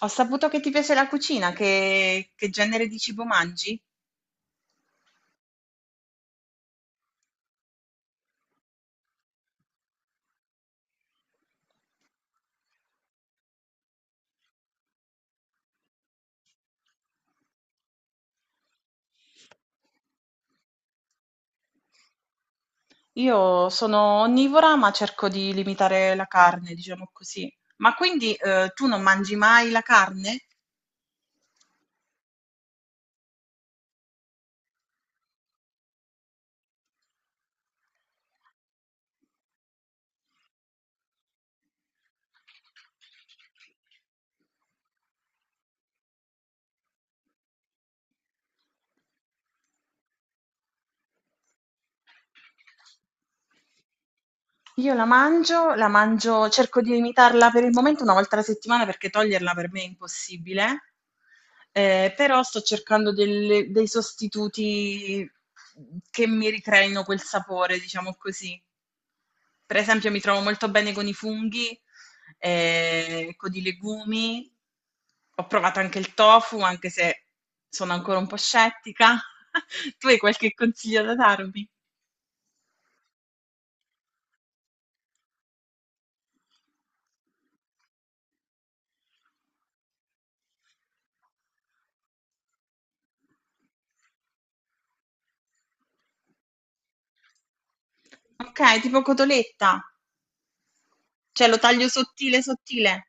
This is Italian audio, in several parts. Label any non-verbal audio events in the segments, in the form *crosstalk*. Ho saputo che ti piace la cucina, che genere di cibo mangi? Io sono onnivora, ma cerco di limitare la carne, diciamo così. Ma quindi tu non mangi mai la carne? Io la mangio, cerco di limitarla per il momento una volta alla settimana perché toglierla per me è impossibile. Però sto cercando dei sostituti che mi ricreino quel sapore, diciamo così. Per esempio mi trovo molto bene con i funghi, con i legumi. Ho provato anche il tofu, anche se sono ancora un po' scettica. *laughs* Tu hai qualche consiglio da darmi? Okay, tipo cotoletta, cioè lo taglio sottile, sottile.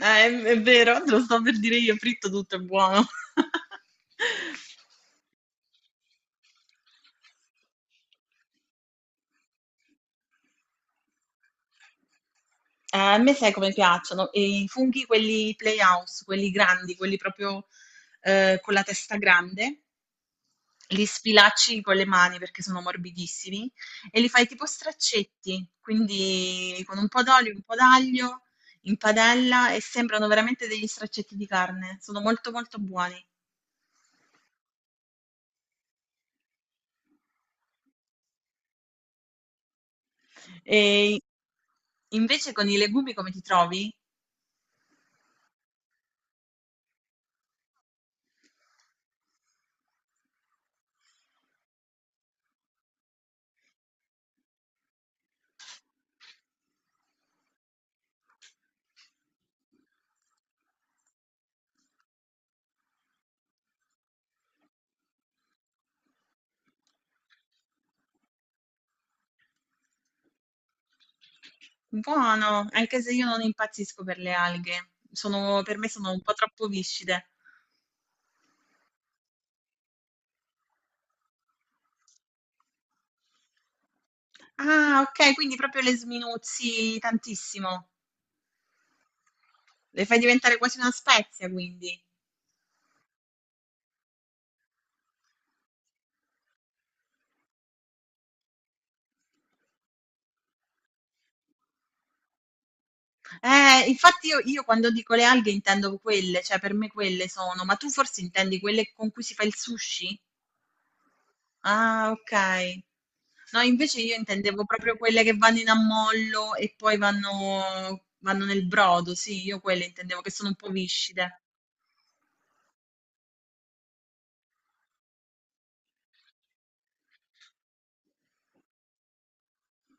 È vero, te lo stavo per dire io, fritto tutto è buono. *laughs* A me sai come piacciono? E i funghi quelli Playhouse, quelli grandi, quelli proprio, con la testa grande. Li sfilacci con le mani perché sono morbidissimi e li fai tipo straccetti, quindi con un po' d'olio, un po' d'aglio in padella e sembrano veramente degli straccetti di carne. Sono molto molto buoni. E invece con i legumi come ti trovi? Buono, anche se io non impazzisco per le alghe. Per me sono un po' troppo viscide. Ah, ok, quindi proprio le sminuzzi tantissimo. Le fai diventare quasi una spezia, quindi. Infatti io quando dico le alghe intendo quelle, cioè per me quelle sono, ma tu forse intendi quelle con cui si fa il sushi? Ah, ok. No, invece io intendevo proprio quelle che vanno in ammollo e poi vanno nel brodo, sì, io quelle intendevo che sono un po' viscide.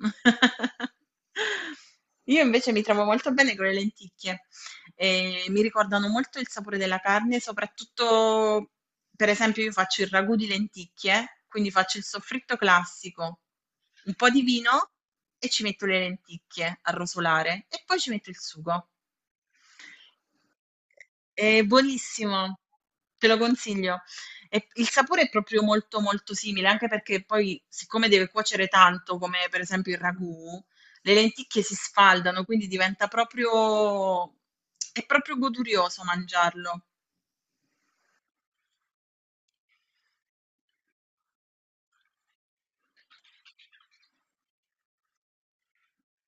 *laughs* Io invece mi trovo molto bene con le lenticchie, e mi ricordano molto il sapore della carne, soprattutto per esempio io faccio il ragù di lenticchie, quindi faccio il soffritto classico, un po' di vino e ci metto le lenticchie a rosolare e poi ci metto il sugo. È buonissimo, te lo consiglio. E il sapore è proprio molto molto simile, anche perché poi, siccome deve cuocere tanto, come per esempio il ragù, le lenticchie si sfaldano, quindi diventa proprio... è proprio godurioso mangiarlo.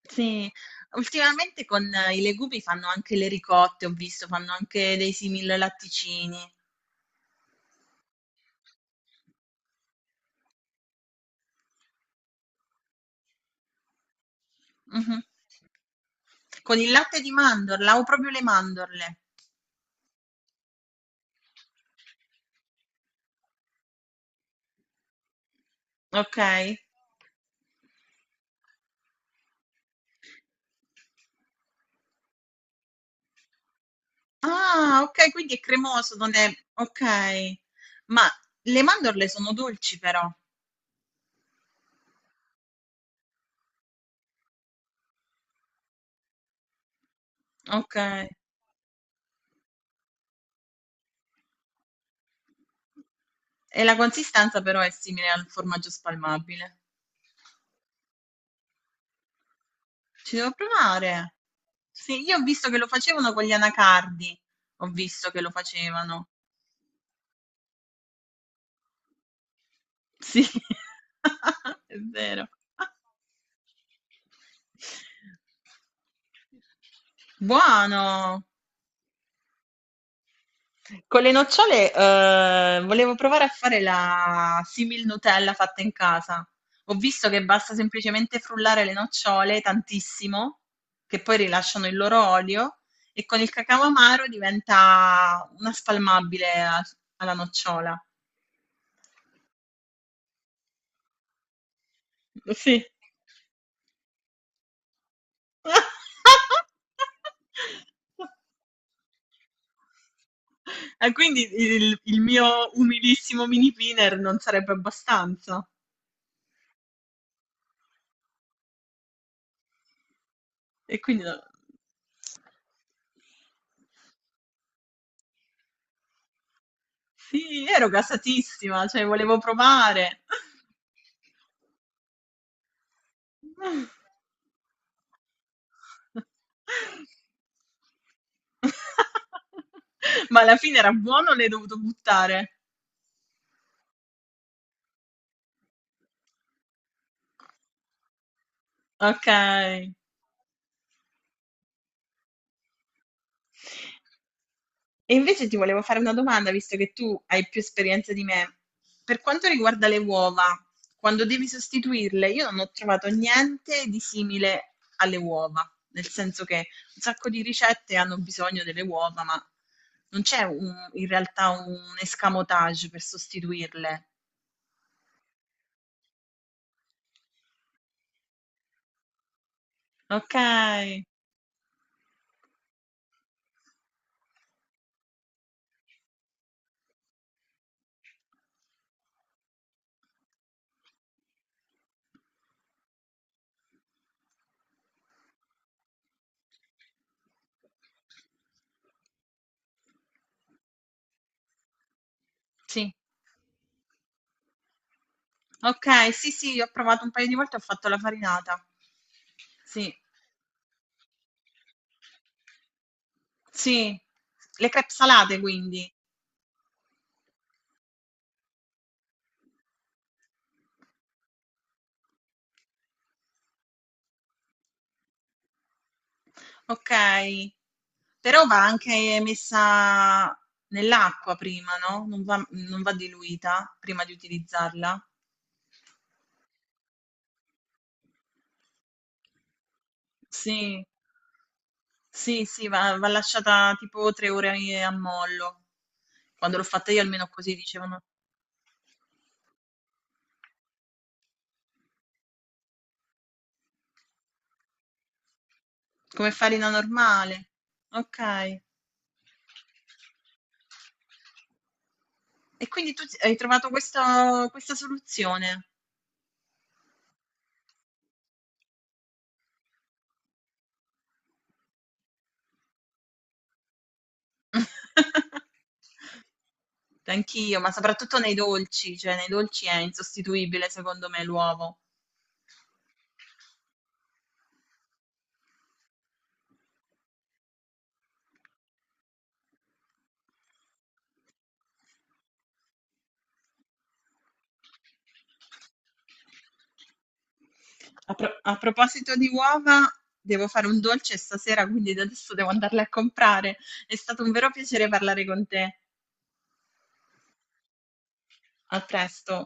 Sì, ultimamente con i legumi fanno anche le ricotte, ho visto, fanno anche dei simili latticini. Mhm. Con il latte di mandorla o proprio le mandorle. Ok? Ah, okay, quindi è cremoso, non è okay. Ma le mandorle sono dolci però. Okay. E la consistenza però è simile al formaggio spalmabile. Ci devo provare. Sì, io ho visto che lo facevano con gli anacardi. Ho visto che lo facevano. Sì, *laughs* è vero. Buono! Con le nocciole, volevo provare a fare la simil Nutella fatta in casa. Ho visto che basta semplicemente frullare le nocciole tantissimo, che poi rilasciano il loro olio, e con il cacao amaro diventa una spalmabile alla nocciola. Sì. *laughs* E quindi il mio umilissimo mini pinner non sarebbe abbastanza. E quindi sì, ero gasatissima, cioè volevo provare. *laughs* *laughs* Ma alla fine era buono o l'hai dovuto buttare? Ok. E invece ti volevo fare una domanda, visto che tu hai più esperienza di me. Per quanto riguarda le uova, quando devi sostituirle, io non ho trovato niente di simile alle uova, nel senso che un sacco di ricette hanno bisogno delle uova, ma non c'è in realtà un escamotage per sostituirle. Ok, sì, ok, sì, sì, ho provato un paio di volte, ho fatto la farinata. Sì, sì, le crepe salate quindi. Okay. Però va anche messa nell'acqua prima, no, non va diluita prima di utilizzarla? Sì, sì, sì, va lasciata tipo 3 ore i a mollo. Quando l'ho fatta io almeno così dicevano. Come farina normale. Okay. E quindi tu s hai trovato questa soluzione. *laughs* Anch'io, ma soprattutto nei dolci, cioè nei dolci è insostituibile secondo me l'uovo. A proposito di uova, devo fare un dolce stasera, quindi da adesso devo andarle a comprare. È stato un vero piacere parlare con te. A presto.